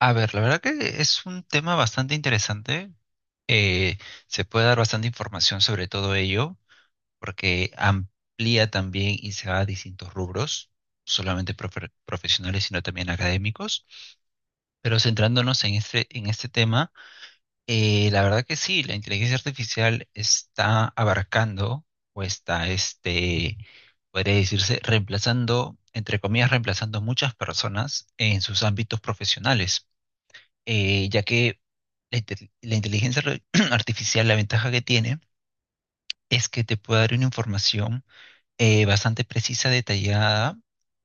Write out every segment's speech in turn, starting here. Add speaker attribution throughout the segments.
Speaker 1: A ver, la verdad que es un tema bastante interesante. eh, Se puede dar bastante información sobre todo ello, porque amplía también y se va a distintos rubros, no solamente profesionales, sino también académicos. Pero centrándonos en este tema, la verdad que sí, la inteligencia artificial está abarcando o está, podría decirse, reemplazando, entre comillas, reemplazando muchas personas en sus ámbitos profesionales, ya que la inteligencia artificial, la ventaja que tiene es que te puede dar una información bastante precisa, detallada,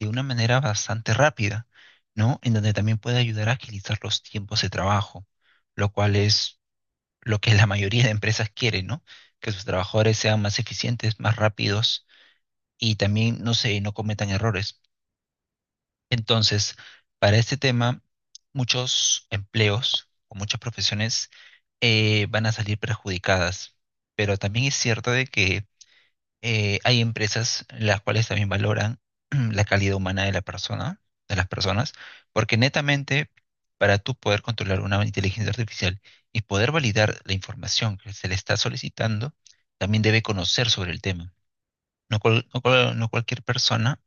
Speaker 1: de una manera bastante rápida, ¿no? En donde también puede ayudar a agilizar los tiempos de trabajo, lo cual es lo que la mayoría de empresas quieren, ¿no? Que sus trabajadores sean más eficientes, más rápidos y también, no sé, no cometan errores. Entonces, para este tema, muchos empleos o muchas profesiones, van a salir perjudicadas, pero también es cierto de que hay empresas las cuales también valoran la calidad humana de la persona, de las personas, porque netamente para tú poder controlar una inteligencia artificial y poder validar la información que se le está solicitando, también debe conocer sobre el tema. No, no cualquier persona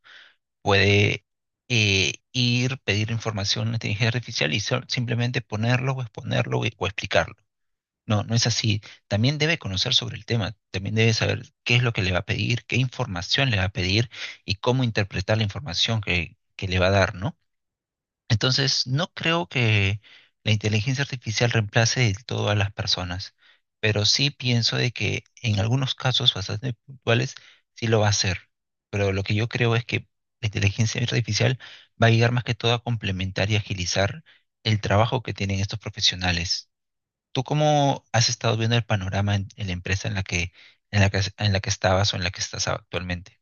Speaker 1: puede ir, pedir información a la inteligencia artificial y simplemente ponerlo o exponerlo o explicarlo. No, no es así. También debe conocer sobre el tema, también debe saber qué es lo que le va a pedir, qué información le va a pedir y cómo interpretar la información que le va a dar, ¿no? Entonces, no creo que la inteligencia artificial reemplace del todo a las personas, pero sí pienso de que en algunos casos bastante puntuales sí lo va a hacer. Pero lo que yo creo es que la inteligencia artificial va a llegar más que todo a complementar y agilizar el trabajo que tienen estos profesionales. ¿Tú cómo has estado viendo el panorama en la empresa en la que estabas o en la que estás actualmente?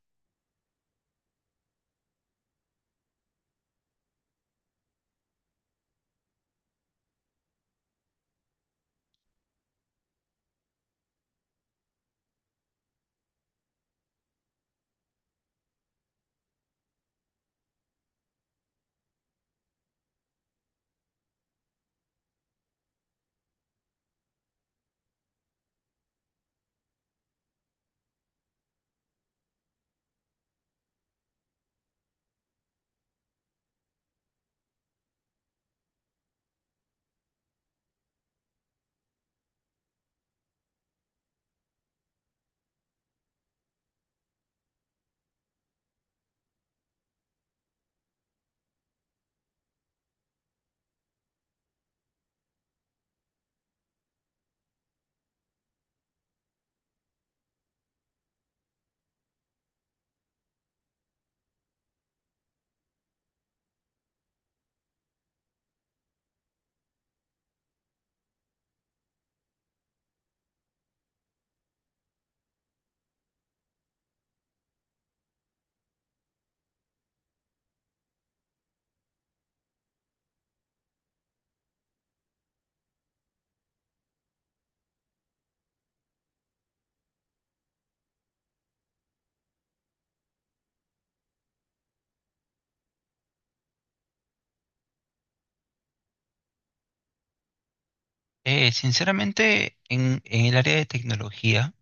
Speaker 1: Sinceramente, en el área de tecnología,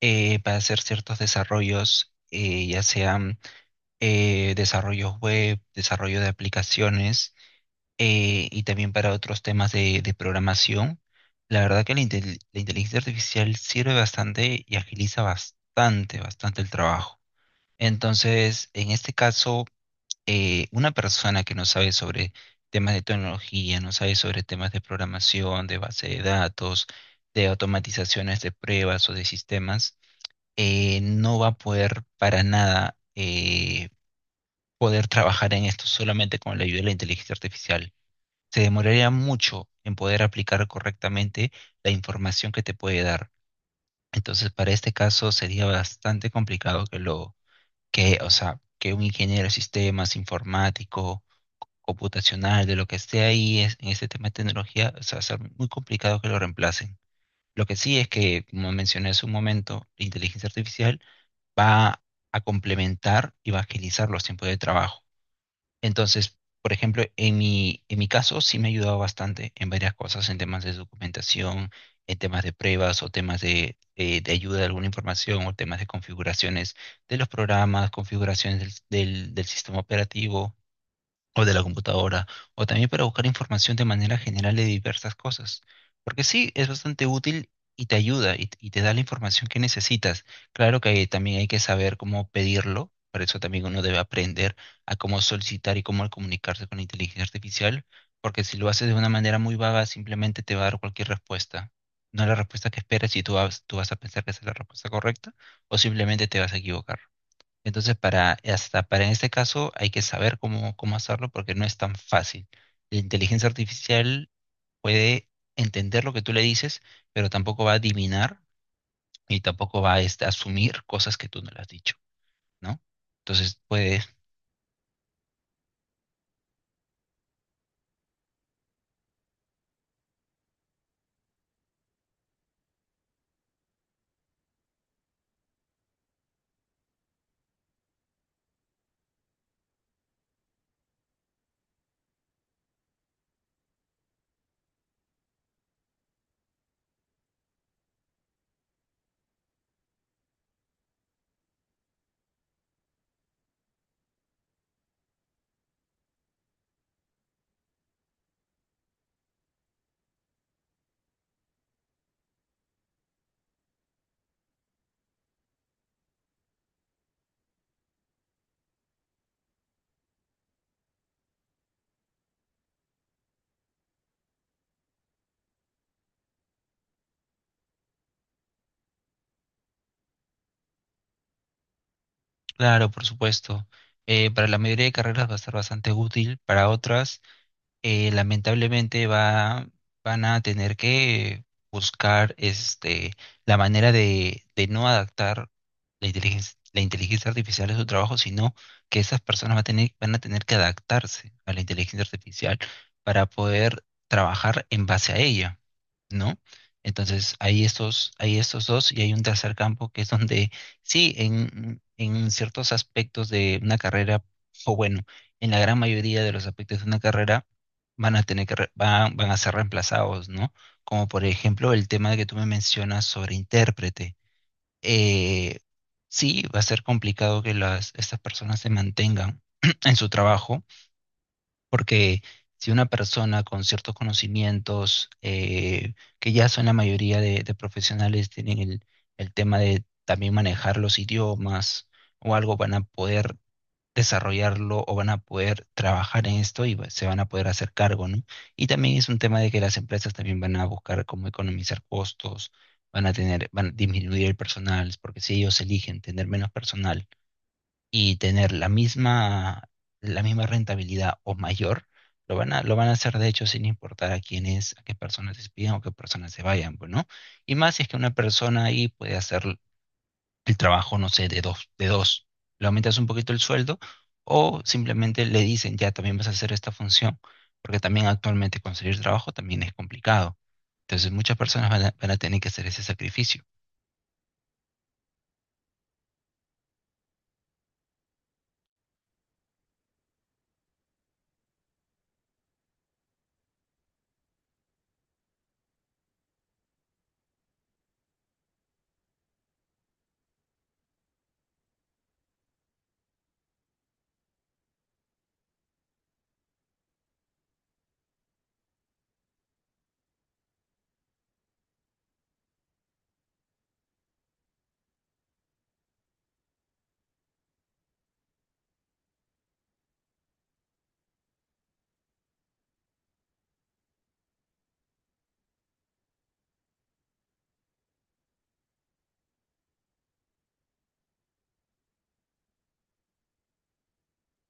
Speaker 1: para hacer ciertos desarrollos, ya sean desarrollos web, desarrollo de aplicaciones, y también para otros temas de programación. La verdad que la inteligencia artificial sirve bastante y agiliza bastante, bastante el trabajo. Entonces, en este caso, una persona que no sabe sobre temas de tecnología, no sabe sobre temas de programación, de base de datos, de automatizaciones de pruebas o de sistemas, no va a poder para nada, poder trabajar en esto solamente con la ayuda de la inteligencia artificial. Se demoraría mucho en poder aplicar correctamente la información que te puede dar. Entonces, para este caso sería bastante complicado o sea, que un ingeniero de sistemas, informático, computacional, de lo que esté ahí en este tema de tecnología, o sea, va a ser muy complicado que lo reemplacen. Lo que sí es que, como mencioné hace un momento, la inteligencia artificial va a complementar y va a agilizar los tiempos de trabajo. Entonces, por ejemplo, en mi caso sí me ha ayudado bastante en varias cosas, en temas de documentación, en temas de pruebas o temas de ayuda de alguna información o temas de configuraciones de los programas, configuraciones del sistema operativo o de la computadora, o también para buscar información de manera general de diversas cosas. Porque sí, es bastante útil y te ayuda y te da la información que necesitas. Claro que también hay que saber cómo pedirlo, para eso también uno debe aprender a cómo solicitar y cómo comunicarse con la inteligencia artificial, porque si lo haces de una manera muy vaga, simplemente te va a dar cualquier respuesta. No la respuesta que esperas y tú vas a pensar que esa es la respuesta correcta, o simplemente te vas a equivocar. Entonces, para, hasta para en este caso hay que saber cómo, cómo hacerlo porque no es tan fácil. La inteligencia artificial puede entender lo que tú le dices, pero tampoco va a adivinar y tampoco va a asumir cosas que tú no le has dicho, ¿no? Entonces, puede, claro, por supuesto. Para la mayoría de carreras va a ser bastante útil, para otras, lamentablemente van a tener que buscar la manera de no adaptar la inteligencia artificial a su trabajo, sino que esas personas van a tener que adaptarse a la inteligencia artificial para poder trabajar en base a ella, ¿no? Entonces, hay estos dos y hay un tercer campo que es donde sí, en ciertos aspectos de una carrera, o bueno, en la gran mayoría de los aspectos de una carrera, van a tener que re- van, van a ser reemplazados, ¿no? Como por ejemplo el tema de que tú me mencionas sobre intérprete. Eh, sí, va a ser complicado que estas personas se mantengan en su trabajo, porque si una persona con ciertos conocimientos, que ya son la mayoría de profesionales, tienen el tema de también manejar los idiomas o algo, van a poder desarrollarlo o van a poder trabajar en esto y se van a poder hacer cargo, ¿no? Y también es un tema de que las empresas también van a buscar cómo economizar costos, van a disminuir el personal, porque si ellos eligen tener menos personal y tener la misma rentabilidad o mayor, lo van a hacer de hecho sin importar a quiénes, a qué personas despidan o qué personas se vayan, pues, ¿no? Y más si es que una persona ahí puede hacer el trabajo, no sé, de dos. Le aumentas un poquito el sueldo o simplemente le dicen, ya también vas a hacer esta función, porque también actualmente conseguir trabajo también es complicado. Entonces muchas personas van a tener que hacer ese sacrificio.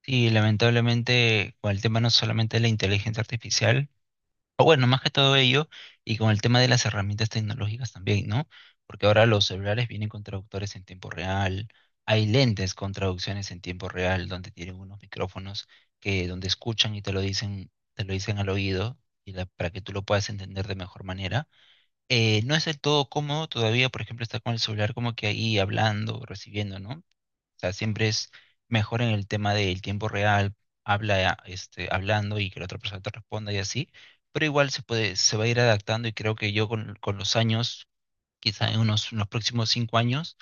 Speaker 1: Y lamentablemente con el tema no solamente de la inteligencia artificial, o bueno, más que todo ello, y con el tema de las herramientas tecnológicas también, ¿no? Porque ahora los celulares vienen con traductores en tiempo real, hay lentes con traducciones en tiempo real, donde tienen unos micrófonos que donde escuchan y te lo dicen al oído, para que tú lo puedas entender de mejor manera. No es del todo cómodo todavía, por ejemplo, estar con el celular como que ahí hablando, recibiendo, ¿no? O sea, siempre es mejor en el tema del tiempo real, hablando y que la otra persona te responda y así, pero igual se puede, se va a ir adaptando y creo que yo con los años, quizá en unos próximos 5 años,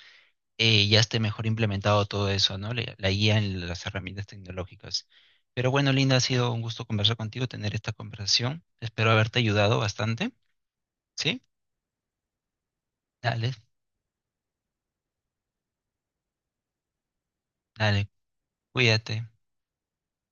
Speaker 1: ya esté mejor implementado todo eso, ¿no? La guía en las herramientas tecnológicas. Pero bueno, Linda, ha sido un gusto conversar contigo, tener esta conversación. Espero haberte ayudado bastante, ¿sí? Dale, dale, cuídate.